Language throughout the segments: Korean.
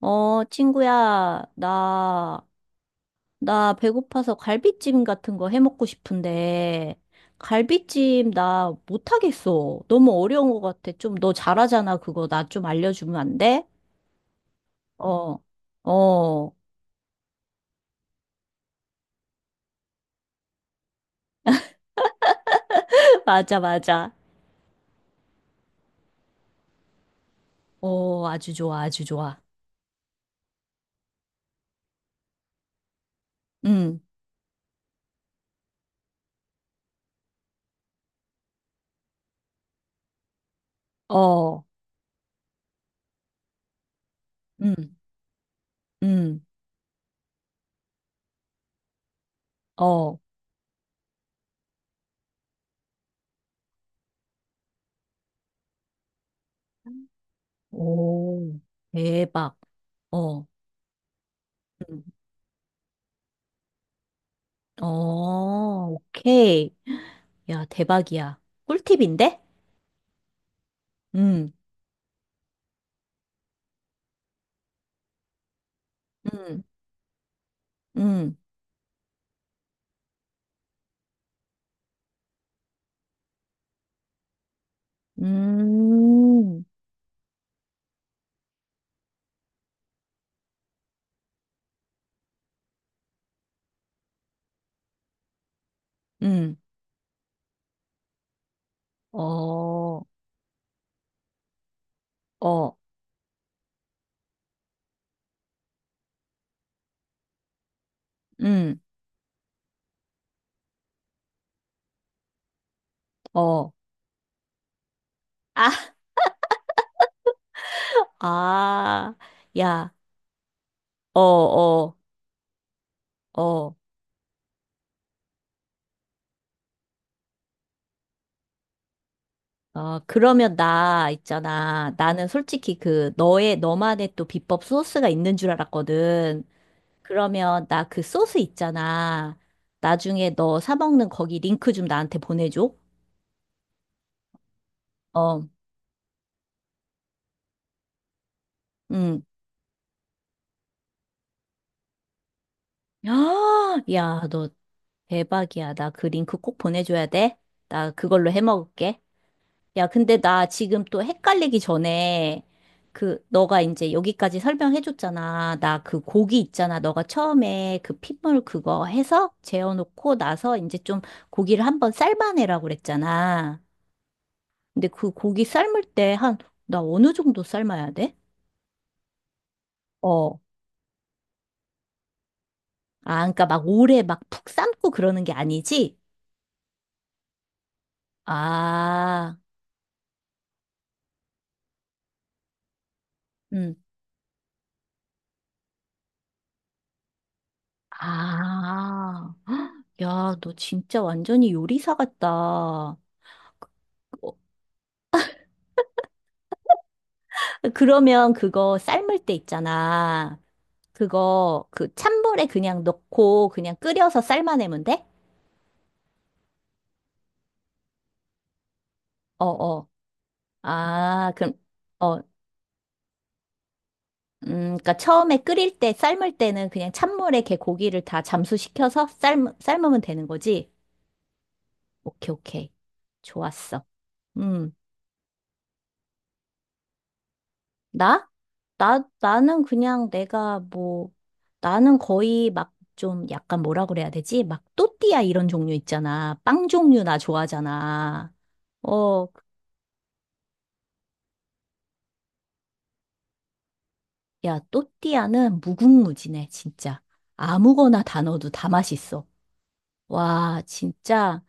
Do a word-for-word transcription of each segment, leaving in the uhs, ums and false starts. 어, 친구야, 나, 나 배고파서 갈비찜 같은 거 해먹고 싶은데, 갈비찜 나 못하겠어. 너무 어려운 것 같아. 좀 너 잘하잖아. 그거 나 좀 알려주면 안 돼? 어, 어, 맞아, 맞아. 어, 아주 좋아, 아주 좋아. 응, 어, 응, 응, 어, 오, 대박. 어, 응, 어, 오케이. 야, 대박이야. 꿀팁인데? 응. 음, 음, 음, 음, 어, 어, 음, 어, 아, 아, 야, 어, 어, 어, 어, 그러면 나 있잖아. 나는 솔직히 그 너의, 너만의 또 비법 소스가 있는 줄 알았거든. 그러면 나 그 소스 있잖아. 나중에 너 사 먹는 거기 링크 좀 나한테 보내줘. 어, 음. 아, 야, 너 대박이야. 나 그 링크 꼭 보내줘야 돼. 나 그걸로 해먹을게. 야, 근데 나 지금 또 헷갈리기 전에 그 너가 이제 여기까지 설명해줬잖아. 나 그 고기 있잖아. 너가 처음에 그 핏물 그거 해서 재워놓고 나서 이제 좀 고기를 한번 삶아내라고 그랬잖아. 근데 그 고기 삶을 때 한 나 어느 정도 삶아야 돼? 어. 아, 그러니까 막 오래 막 푹 삶고 그러는 게 아니지? 아, 음. 아. 야, 너 진짜 완전히 요리사 같다. 어, 그러면 그거 삶을 때 있잖아. 그거 그 찬물에 그냥 넣고 그냥 끓여서 삶아내면 돼? 어, 어. 아, 그럼 어, 음, 그러니까 처음에 끓일 때 삶을 때는 그냥 찬물에 걔 고기를 다 잠수시켜서 삶 삶으면 되는 거지. 오케이, 오케이. 좋았어. 음. 나? 나, 나는 그냥 내가 뭐, 나는 거의 막 좀 약간 뭐라 그래야 되지? 막 또띠아 이런 종류 있잖아. 빵 종류 나 좋아하잖아. 어, 야, 또띠아는 무궁무진해, 진짜. 아무거나 다 넣어도 다 맛있어. 와, 진짜,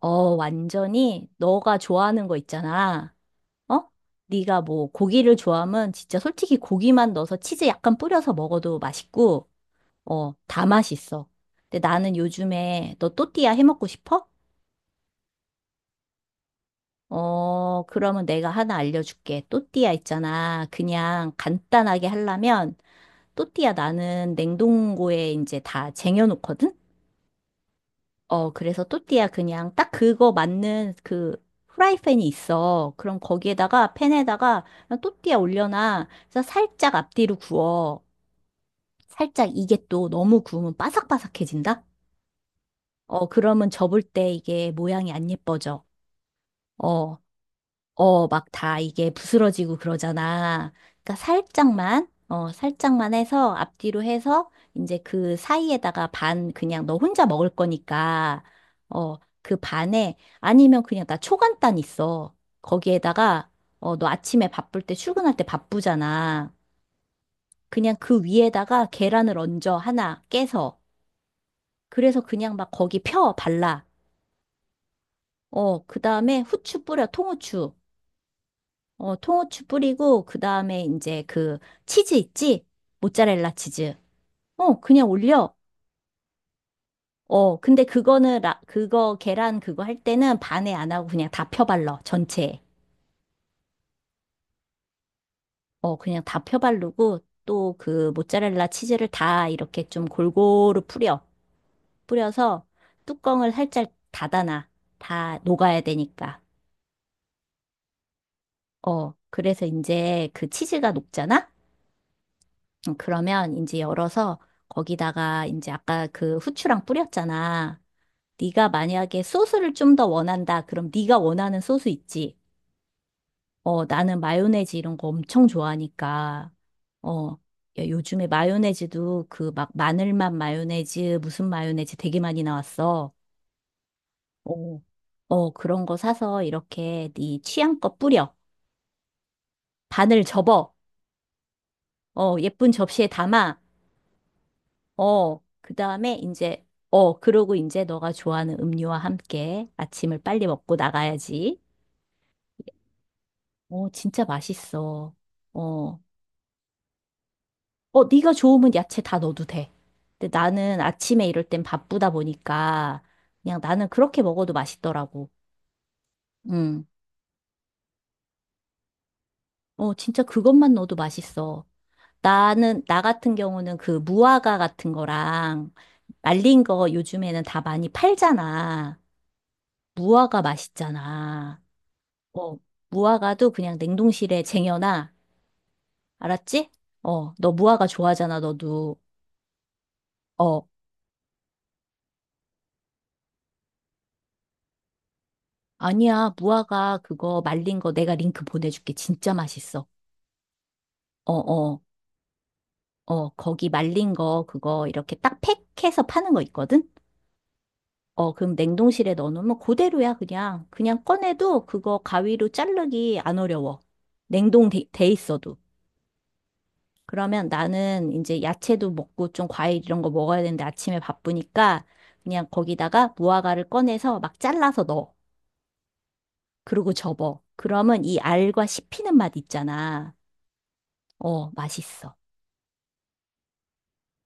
어, 완전히 너가 좋아하는 거 있잖아. 어? 네가 뭐 고기를 좋아하면 진짜 솔직히 고기만 넣어서 치즈 약간 뿌려서 먹어도 맛있고, 어, 다 맛있어. 근데 나는 요즘에 너 또띠아 해 먹고 싶어? 어, 그러면 내가 하나 알려줄게. 또띠아 있잖아. 그냥 간단하게 하려면 또띠아 나는 냉동고에 이제 다 쟁여놓거든? 어, 그래서 또띠아 그냥 딱 그거 맞는 그 프라이팬이 있어. 그럼 거기에다가 팬에다가 그냥 또띠아 올려놔. 그래서 살짝 앞뒤로 구워. 살짝 이게 또 너무 구우면 바삭바삭해진다? 어, 그러면 접을 때 이게 모양이 안 예뻐져. 어, 어, 막 다 이게 부스러지고 그러잖아. 그러니까 살짝만, 어, 살짝만 해서 앞뒤로 해서 이제 그 사이에다가 반 그냥 너 혼자 먹을 거니까, 어, 그 반에 아니면 그냥 나 초간단 있어. 거기에다가, 어, 너 아침에 바쁠 때 출근할 때 바쁘잖아. 그냥 그 위에다가 계란을 얹어 하나 깨서. 그래서 그냥 막 거기 펴 발라. 어, 그 다음에 후추 뿌려, 통후추. 어, 통후추 뿌리고, 그 다음에 이제 그 치즈 있지? 모짜렐라 치즈. 어, 그냥 올려. 어, 근데 그거는, 라, 그거, 계란 그거 할 때는 반에 안 하고 그냥 다 펴발라, 전체에. 어, 그냥 다 펴바르고, 또 그 모짜렐라 치즈를 다 이렇게 좀 골고루 뿌려. 뿌려서 뚜껑을 살짝 닫아놔. 다 녹아야 되니까. 어, 그래서 이제 그 치즈가 녹잖아? 음, 그러면 이제 열어서 거기다가 이제 아까 그 후추랑 뿌렸잖아. 네가 만약에 소스를 좀 더 원한다. 그럼 네가 원하는 소스 있지? 어, 나는 마요네즈 이런 거 엄청 좋아하니까. 어, 야, 요즘에 마요네즈도 그 막 마늘맛 마요네즈, 무슨 마요네즈 되게 많이 나왔어. 어, 어, 그런 거 사서 이렇게 네 취향껏 뿌려. 반을 접어. 어, 예쁜 접시에 담아. 어, 그 다음에 이제, 어, 그러고 이제 너가 좋아하는 음료와 함께 아침을 빨리 먹고 나가야지. 어, 진짜 맛있어. 어, 어, 네가 좋으면 야채 다 넣어도 돼. 근데 나는 아침에 이럴 땐 바쁘다 보니까 그냥 나는 그렇게 먹어도 맛있더라고. 음, 어, 진짜 그것만 넣어도 맛있어. 나는, 나 같은 경우는 그 무화과 같은 거랑 말린 거 요즘에는 다 많이 팔잖아. 무화과 맛있잖아. 어, 무화과도 그냥 냉동실에 쟁여놔. 알았지? 어, 너 무화과 좋아하잖아, 너도. 어, 아니야. 무화과 그거 말린 거 내가 링크 보내줄게. 진짜 맛있어. 어, 어, 어, 거기 말린 거 그거 이렇게 딱 팩해서 파는 거 있거든? 어, 그럼 냉동실에 넣어놓으면 그대로야, 그냥. 그냥 꺼내도 그거 가위로 자르기 안 어려워. 냉동 돼, 돼 있어도. 그러면 나는 이제 야채도 먹고 좀 과일 이런 거 먹어야 되는데 아침에 바쁘니까 그냥 거기다가 무화과를 꺼내서 막 잘라서 넣어. 그리고 접어. 그러면 이 알과 씹히는 맛 있잖아. 어, 맛있어.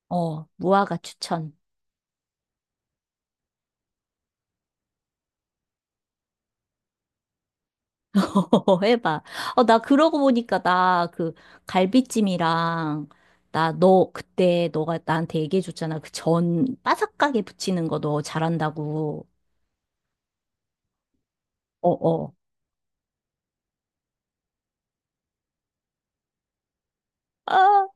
어, 무화과 추천. 해봐. 어, 나 그러고 보니까 나 그 갈비찜이랑 나 너 그때 너가 나한테 얘기해줬잖아. 그 전 바삭하게 부치는 거 너 잘한다고. 어, 어. 아,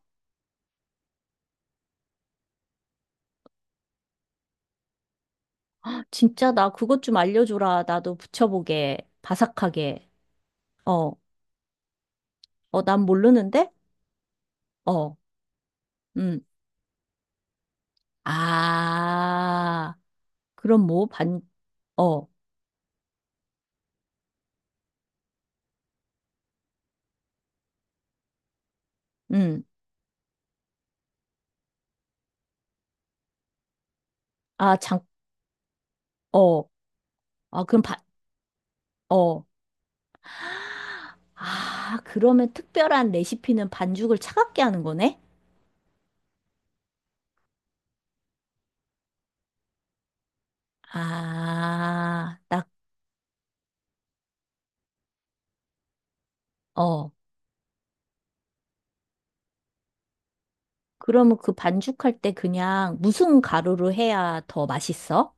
진짜 나 그것 좀 알려줘라. 나도 붙여보게. 바삭하게. 어, 어, 난 모르는데? 어, 음. 아, 그럼 뭐, 반, 어, 음. 아, 장, 어, 아, 그럼 반, 어. 아, 그러면 특별한 레시피는 반죽을 차갑게 하는 거네? 아, 딱, 어. 그러면 그 반죽할 때 그냥 무슨 가루로 해야 더 맛있어?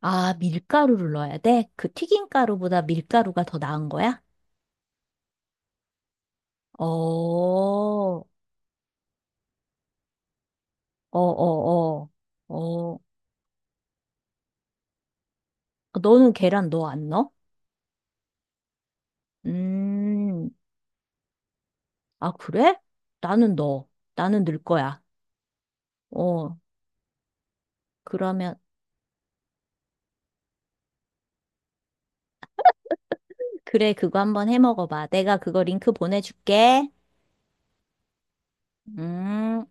아, 밀가루를 넣어야 돼? 그 튀김가루보다 밀가루가 더 나은 거야? 어, 어, 어, 어, 어. 아, 너는 계란 넣어, 안 넣어? 음, 아, 그래? 나는 넣어. 나는 넣을 거야. 어, 그러면, 그래, 그거 한번 해 먹어봐. 내가 그거 링크 보내줄게. 음.